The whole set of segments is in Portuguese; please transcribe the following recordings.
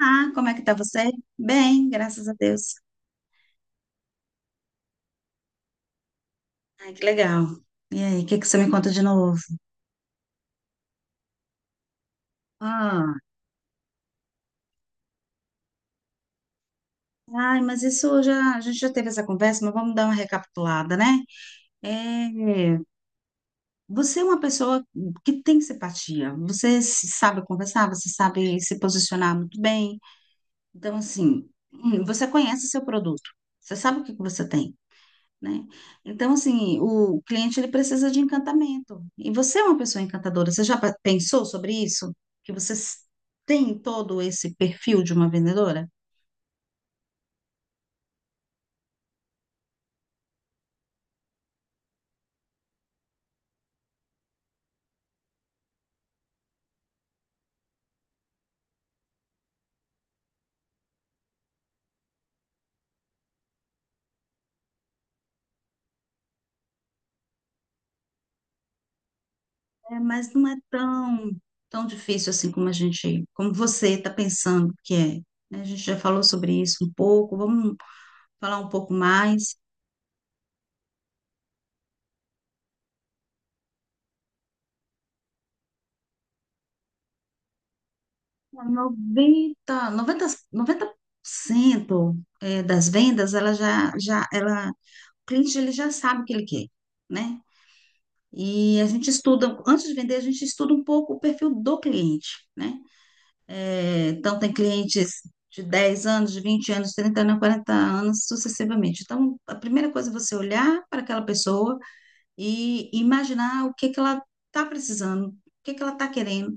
Ah, como é que tá você? Bem, graças a Deus. Ai, que legal. E aí, o que que você me conta de novo? Ah, ai, mas isso já, a gente já teve essa conversa, mas vamos dar uma recapitulada, né? É, você é uma pessoa que tem simpatia, você se sabe conversar, você sabe se posicionar muito bem. Então, assim, você conhece seu produto, você sabe o que que você tem. Né? Então, assim, o cliente ele precisa de encantamento. E você é uma pessoa encantadora. Você já pensou sobre isso? Que você tem todo esse perfil de uma vendedora? É, mas não é tão difícil assim como a gente, como você está pensando que é. Né? A gente já falou sobre isso um pouco. Vamos falar um pouco mais. noventa noventa 90, 90% é, das vendas, ela já, já, ela, o cliente ele já sabe o que ele quer, né? E a gente estuda, antes de vender, a gente estuda um pouco o perfil do cliente, né? É, então, tem clientes de 10 anos, de 20 anos, 30 anos, 40 anos, sucessivamente. Então, a primeira coisa é você olhar para aquela pessoa e imaginar o que que ela está precisando, o que que ela está querendo,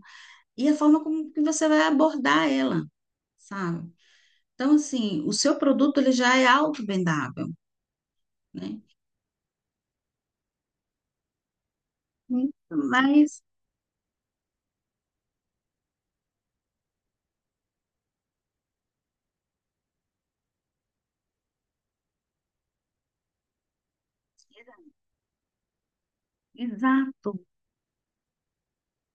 e a forma como que você vai abordar ela, sabe? Então, assim, o seu produto ele já é auto-vendável, né? Mas, exato.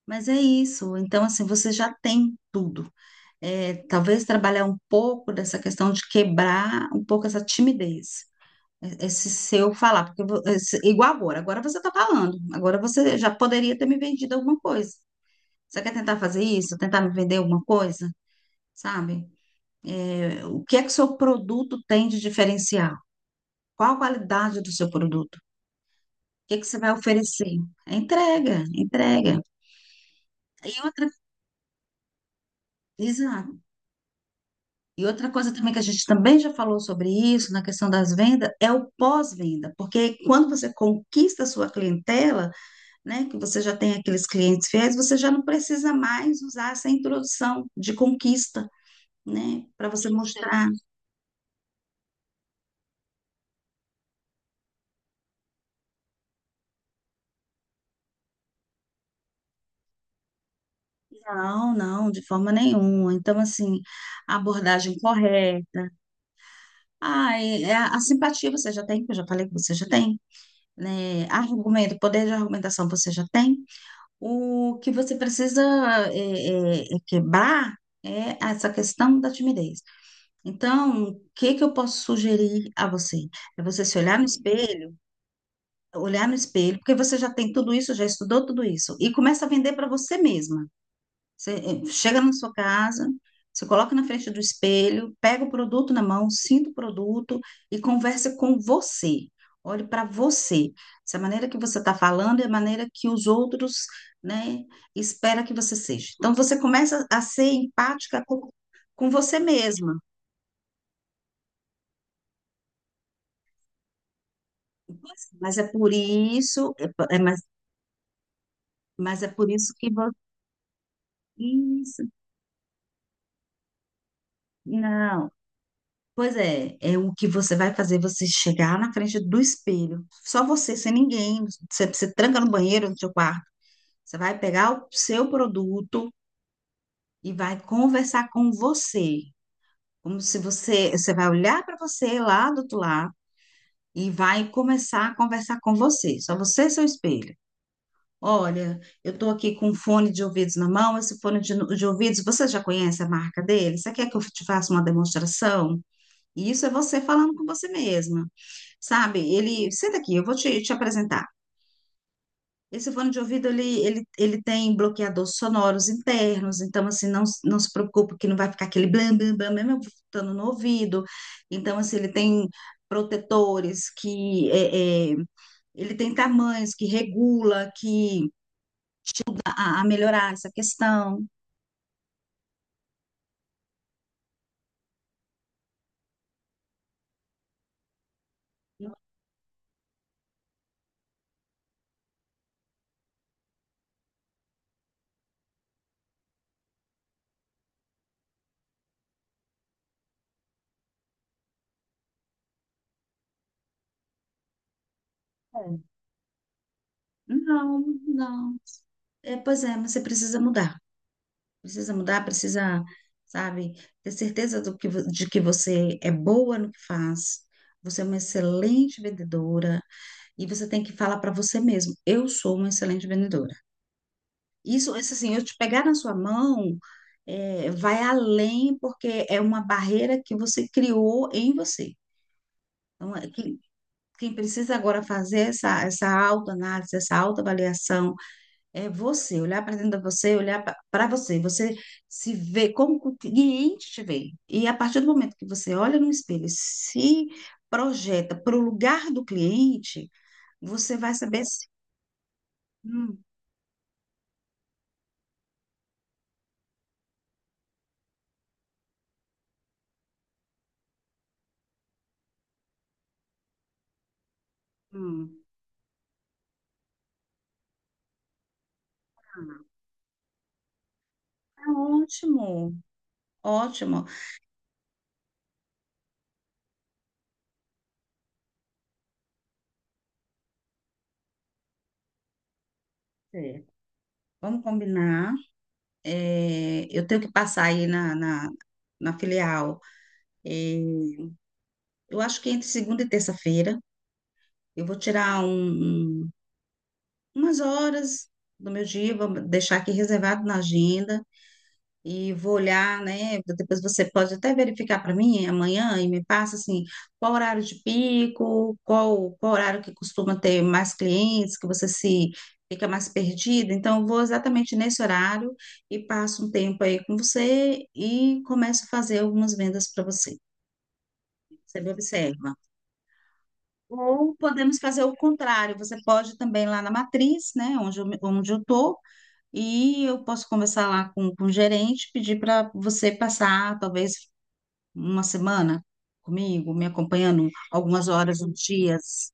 Mas é isso. Então, assim, você já tem tudo. É, talvez trabalhar um pouco dessa questão de quebrar um pouco essa timidez. Esse seu falar, porque igual agora, agora você está falando, agora você já poderia ter me vendido alguma coisa. Você quer tentar fazer isso, tentar me vender alguma coisa, sabe? É, o que é que o seu produto tem de diferencial? Qual a qualidade do seu produto? O que é que você vai oferecer? É entrega, entrega. E outra, exato. E outra coisa também que a gente também já falou sobre isso, na questão das vendas, é o pós-venda, porque quando você conquista a sua clientela, né, que você já tem aqueles clientes fiéis, você já não precisa mais usar essa introdução de conquista, né, para você mostrar. Não, não, de forma nenhuma. Então, assim, a abordagem correta, ah, e a simpatia você já tem, que eu já falei que você já tem, né, argumento, poder de argumentação você já tem. O que você precisa é quebrar é essa questão da timidez. Então, o que que eu posso sugerir a você? É você se olhar no espelho, olhar no espelho, porque você já tem tudo isso, já estudou tudo isso, e começa a vender para você mesma. Você chega na sua casa, você coloca na frente do espelho, pega o produto na mão, sinta o produto e conversa com você. Olhe para você. Se a maneira que você está falando é a maneira que os outros, né, espera que você seja. Então você começa a ser empática com você mesma. Mas é por isso, é por isso que você. Isso. Não. Pois é, é o que você vai fazer você chegar na frente do espelho. Só você, sem ninguém. Você tranca no banheiro, no seu quarto. Você vai pegar o seu produto e vai conversar com você. Como se você vai olhar para você lá do outro lado e vai começar a conversar com você. Só você e seu espelho. Olha, eu estou aqui com um fone de ouvidos na mão. Esse fone de ouvidos, você já conhece a marca dele? Você quer que eu te faça uma demonstração? E isso é você falando com você mesma. Sabe, ele, senta aqui, eu vou te apresentar. Esse fone de ouvido, ele tem bloqueadores sonoros internos, então, assim, não, não se preocupe que não vai ficar aquele blam, blam, blam, mesmo eu botando no ouvido. Então, assim, ele tem protetores que, ele tem tamanhos que regula, que, a melhorar essa questão. Não é. Não, não. É, pois é, mas você precisa mudar. Precisa mudar, precisa, sabe, ter certeza do que, de que você é boa no que faz. Você é uma excelente vendedora e você tem que falar para você mesmo, eu sou uma excelente vendedora. Isso assim, eu te pegar na sua mão, é, vai além porque é uma barreira que você criou em você. Então, é, quem precisa agora fazer essa autoanálise, essa autoavaliação, é você, olhar para dentro de você, olhar para você, você se vê como o cliente te vê. E a partir do momento que você olha no espelho, e se projeta para o lugar do cliente, você vai saber se. Hum, hum. Ah, ótimo, ótimo. Certo. Vamos combinar. É, eu tenho que passar aí na filial. É, eu acho que entre segunda e terça-feira eu vou tirar umas horas do meu dia, vou deixar aqui reservado na agenda e vou olhar, né? Depois você pode até verificar para mim amanhã e me passa assim, qual horário de pico, qual horário que costuma ter mais clientes, que você se fica mais perdida. Então, eu vou exatamente nesse horário e passo um tempo aí com você e começo a fazer algumas vendas para você. Você me observa. Ou podemos fazer o contrário, você pode também lá na matriz, né, onde eu tô. E eu posso conversar lá com o gerente, pedir para você passar talvez uma semana comigo, me acompanhando algumas horas, uns dias.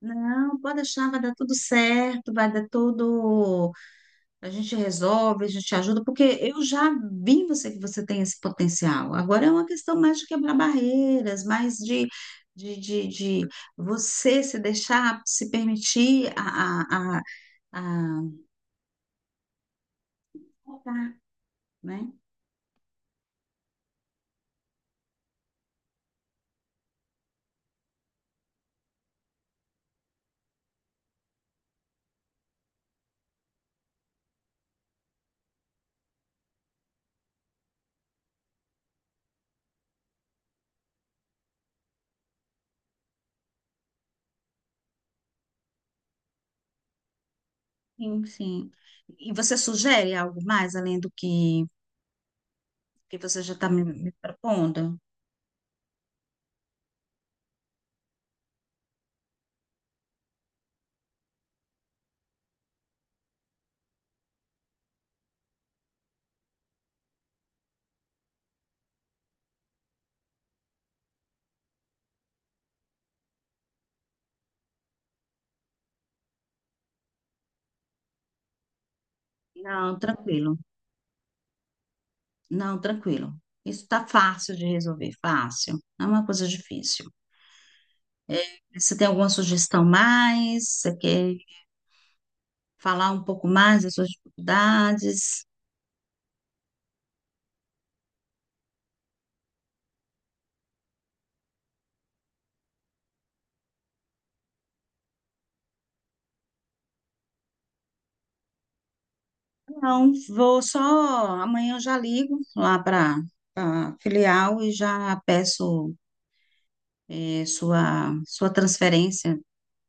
Não, pode deixar, vai dar tudo certo, vai dar tudo. A gente resolve, a gente ajuda, porque eu já vi em você que você tem esse potencial. Agora é uma questão mais de quebrar barreiras, mais de, de, de você se deixar, se permitir a... Tá, né? Sim, sim. E você sugere algo mais além do que você já está me propondo? Não, tranquilo. Não, tranquilo. Isso está fácil de resolver, fácil. Não é uma coisa difícil. Você tem alguma sugestão mais? Você quer falar um pouco mais das suas dificuldades? Não, vou só. Amanhã eu já ligo lá para a filial e já peço sua transferência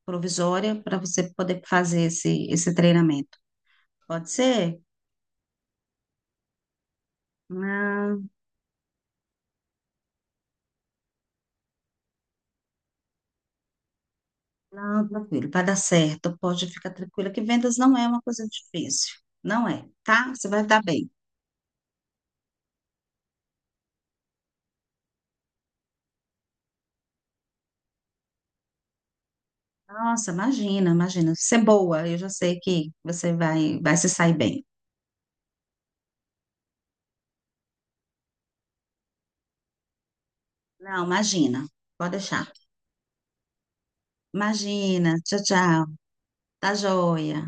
provisória para você poder fazer esse treinamento. Pode ser? Não, não, tranquilo, vai dar certo. Pode ficar tranquila que vendas não é uma coisa difícil. Não é, tá? Você vai dar bem. Nossa, imagina, imagina. Ser boa, eu já sei que você vai se sair bem. Não, imagina. Pode deixar. Imagina. Tchau, tchau. Tá joia.